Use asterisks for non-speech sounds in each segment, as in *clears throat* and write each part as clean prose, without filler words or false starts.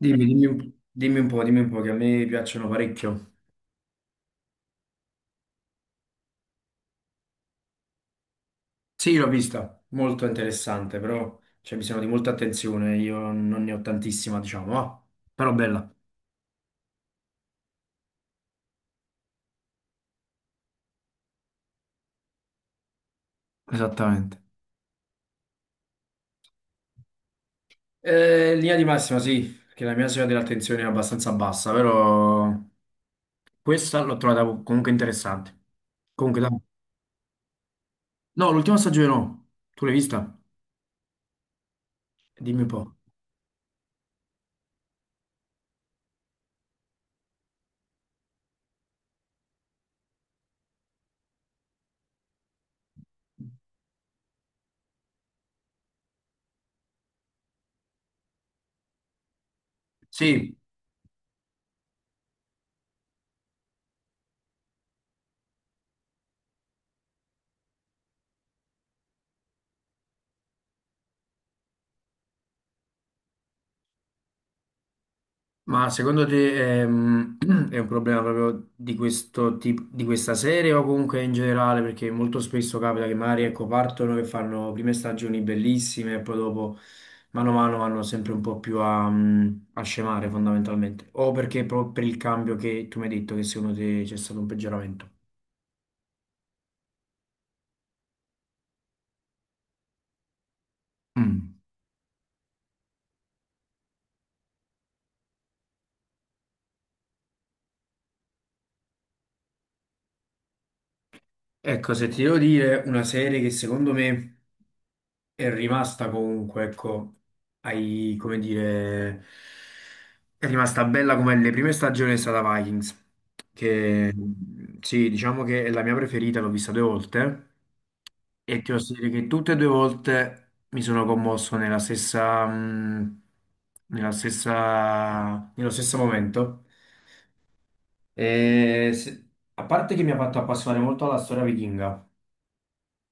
Dimmi un po', che a me piacciono parecchio. Sì, l'ho vista, molto interessante, però c'è bisogno di molta attenzione, io non ne ho tantissima, diciamo, però bella. Esattamente. Linea di massima, sì, che la mia soglia dell'attenzione è abbastanza bassa, però questa l'ho trovata comunque interessante. Comunque, dai. No, l'ultima stagione no, tu l'hai vista? Dimmi un po'. Sì. Ma secondo te *clears throat* è un problema proprio di questo tipo, di questa serie o comunque in generale? Perché molto spesso capita che magari ecco, partono che fanno prime stagioni bellissime e poi dopo mano a mano vanno sempre un po' più a scemare fondamentalmente. O perché proprio per il cambio che tu mi hai detto che secondo te c'è stato un peggioramento? Mm. Ecco, se ti devo dire una serie che secondo me è rimasta comunque, ecco, ai, come dire, è rimasta bella come le prime stagioni è stata Vikings, che sì, diciamo che è la mia preferita, l'ho vista due volte e ti posso dire che tutte e due volte mi sono commosso nella stessa, nello stesso momento. E se- a parte che mi ha fatto appassionare molto alla storia vichinga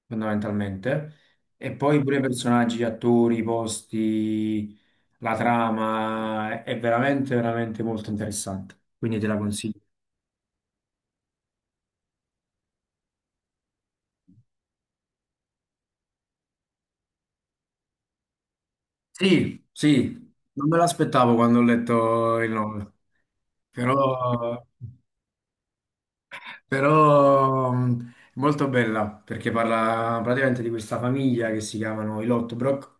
fondamentalmente. E poi pure i personaggi, gli attori, i posti, la trama, è veramente, veramente molto interessante. Quindi te la consiglio. Sì, sì, non me l'aspettavo quando ho letto il nome, però, però, è molto bella perché parla praticamente di questa famiglia che si chiamano i Lotbrock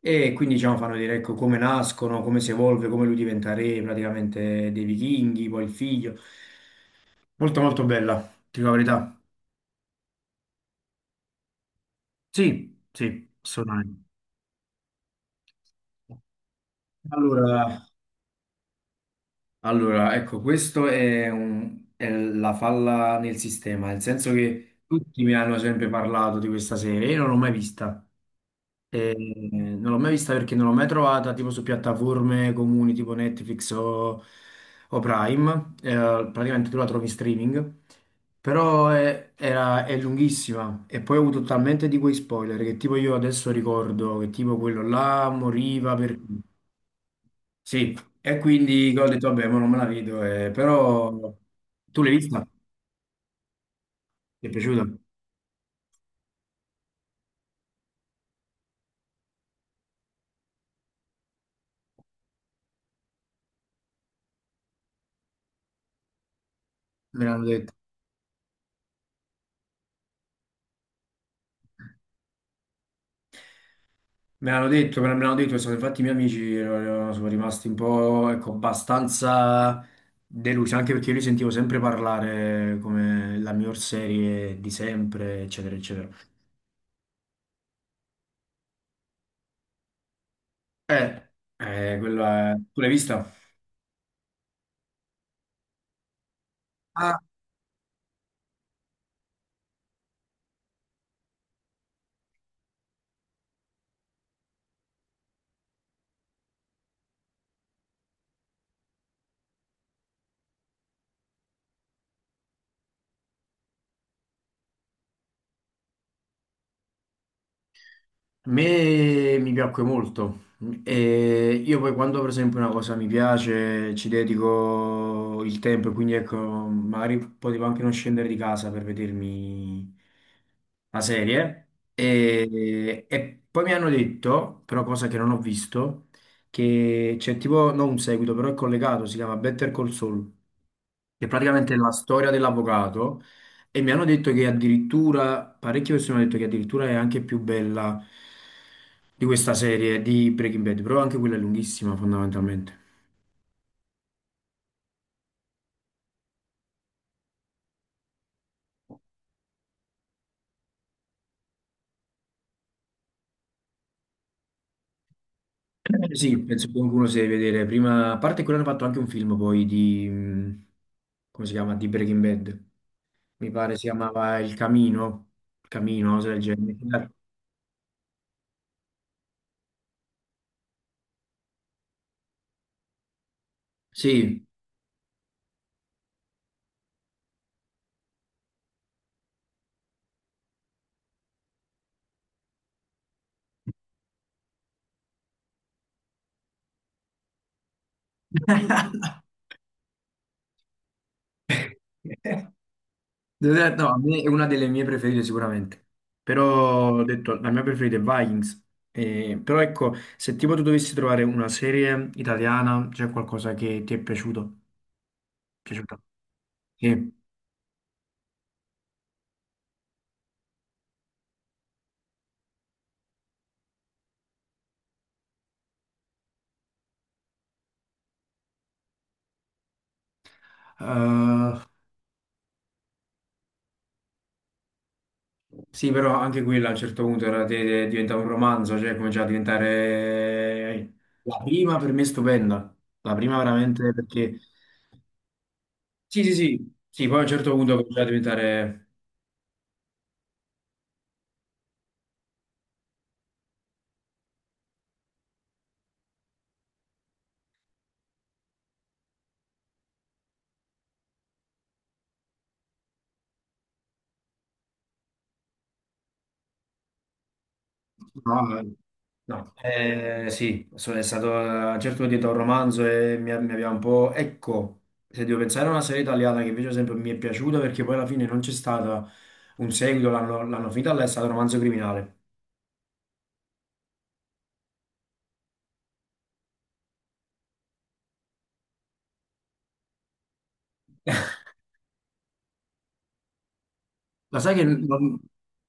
e quindi diciamo fanno vedere ecco, come nascono, come si evolve, come lui diventa re praticamente dei vichinghi, poi il figlio. Molto molto bella, ti dico la verità. Sì, sì, assolutamente. Allora, allora, ecco, questo è la falla nel sistema, nel senso che tutti mi hanno sempre parlato di questa serie, io non l'ho mai vista. E non l'ho mai vista perché non l'ho mai trovata tipo su piattaforme comuni tipo Netflix o Prime. Praticamente tu la trovi in streaming, però è lunghissima e poi ho avuto talmente di quei spoiler che tipo io adesso ricordo che tipo quello là moriva per. Sì, e quindi ho detto vabbè, ma non me la vedo, però tu l'hai vista? Ti è piaciuta? Me l'hanno detto. Me l'hanno detto, me l'hanno detto, infatti i miei amici sono rimasti un po', ecco, abbastanza delusi, anche perché io li sentivo sempre parlare come la miglior serie di sempre, eccetera, eccetera. Eh, Tu l'hai vista? A me mi piacque molto. E io poi quando per esempio una cosa mi piace ci dedico il tempo, e quindi ecco, magari potevo anche non scendere di casa per vedermi la serie. E poi mi hanno detto, però cosa che non ho visto, che c'è tipo, non un seguito, però è collegato, si chiama Better Call Saul, che praticamente è la storia dell'avvocato e mi hanno detto che addirittura, parecchie persone hanno detto che addirittura è anche più bella di questa serie di Breaking Bad, però anche quella è lunghissima fondamentalmente. Eh sì, penso che qualcuno si deve vedere prima, a parte quello hanno fatto anche un film poi di, come si chiama, di Breaking Bad, mi pare si chiamava Il Camino, Camino, se del genere. Sì. *laughs* No, a me è una delle mie preferite sicuramente, però ho detto la mia preferita è Vikings. Però ecco, se tipo tu dovessi trovare una serie italiana, c'è qualcosa che ti è piaciuto? Piaciuta? Sì. Eh, sì, però anche quella a un certo punto diventava un romanzo, cioè cominciava a diventare. La prima per me è stupenda, la prima veramente perché sì, sì, sì, sì, poi a un certo punto cominciava a diventare. No, no, no. Sì, è stato a un certo punto un romanzo e mi aveva un po'. Ecco, se devo pensare a una serie italiana che invece ad esempio mi è piaciuta perché poi alla fine non c'è stato un seguito, l'hanno l'hanno finita, là, è stato Romanzo Criminale. *laughs* Ma sai che... non-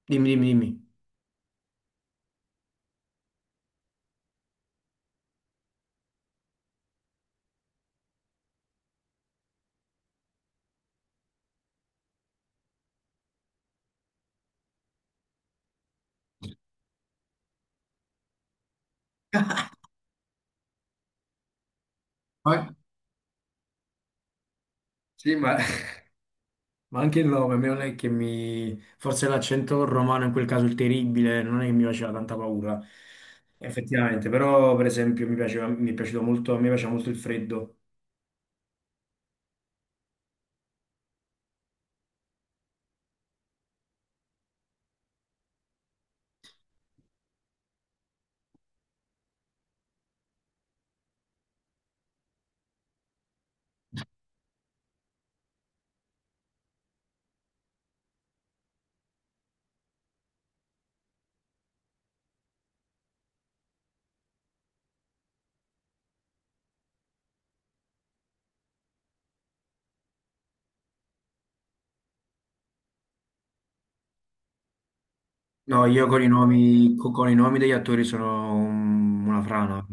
Dimmi, dimmi, dimmi. Poi- Sì. *laughs* Ma anche il nome, a me non è che mi. Forse l'accento romano, in quel caso il terribile, non è che mi faceva tanta paura. Effettivamente, però per esempio mi piaceva, mi è piaciuto molto, a me piaceva molto il freddo. No, io con i nomi, con, i nomi degli attori sono una frana.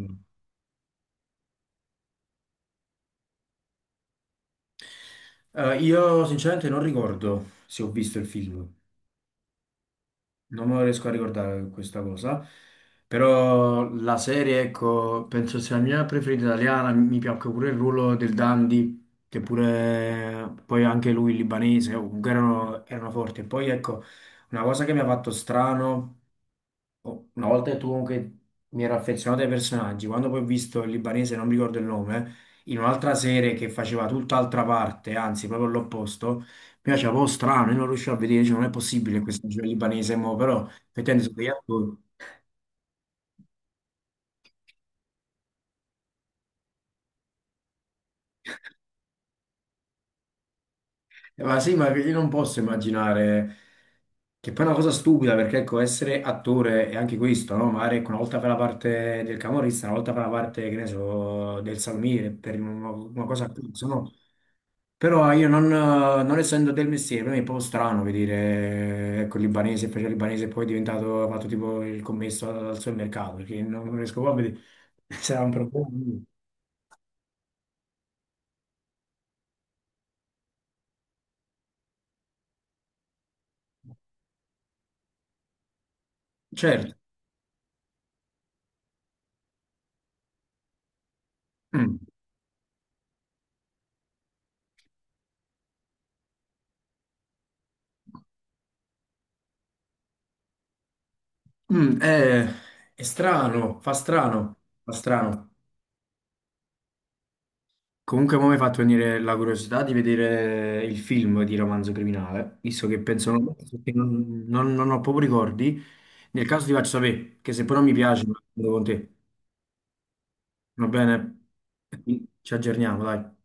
Io sinceramente non ricordo se ho visto il film, non me lo riesco a ricordare questa cosa, però la serie, ecco, penso sia la mia preferita italiana, mi piacque pure il ruolo del Dandy, che pure poi anche lui libanese, comunque erano forti. E poi ecco, una cosa che mi ha fatto strano. Oh, una volta che tu comunque mi ero affezionato ai personaggi, quando poi ho visto il libanese, non mi ricordo il nome, in un'altra serie che faceva tutt'altra parte, anzi proprio l'opposto, mi piaceva un po' strano, io non riuscivo a vedere, cioè, non è possibile che questo giro libanese, mo, però effettivamente sono degli attori. Ma sì, ma io non posso immaginare che poi è una cosa stupida perché ecco, essere attore è anche questo, no? Magari ecco, una volta fa la parte del camorrista, una volta fa la parte, che ne so, del salmiere, per una cosa a cazzo, no? Però io non essendo del mestiere, per me è un po' strano vedere, ecco, il libanese, faceva il libanese e poi è diventato, ha fatto tipo il commesso al supermercato, perché non riesco proprio a vedere *laughs* se era un problema. Certo. Mm. Mm, è strano, fa strano, fa strano. Comunque, mo mi ha fatto venire la curiosità di vedere il film di Romanzo Criminale, visto che penso non, che non- non- non ho proprio ricordi. Nel caso ti faccio sapere, che se poi non mi piace, lo vedo con te. Va bene? Ci aggiorniamo, dai.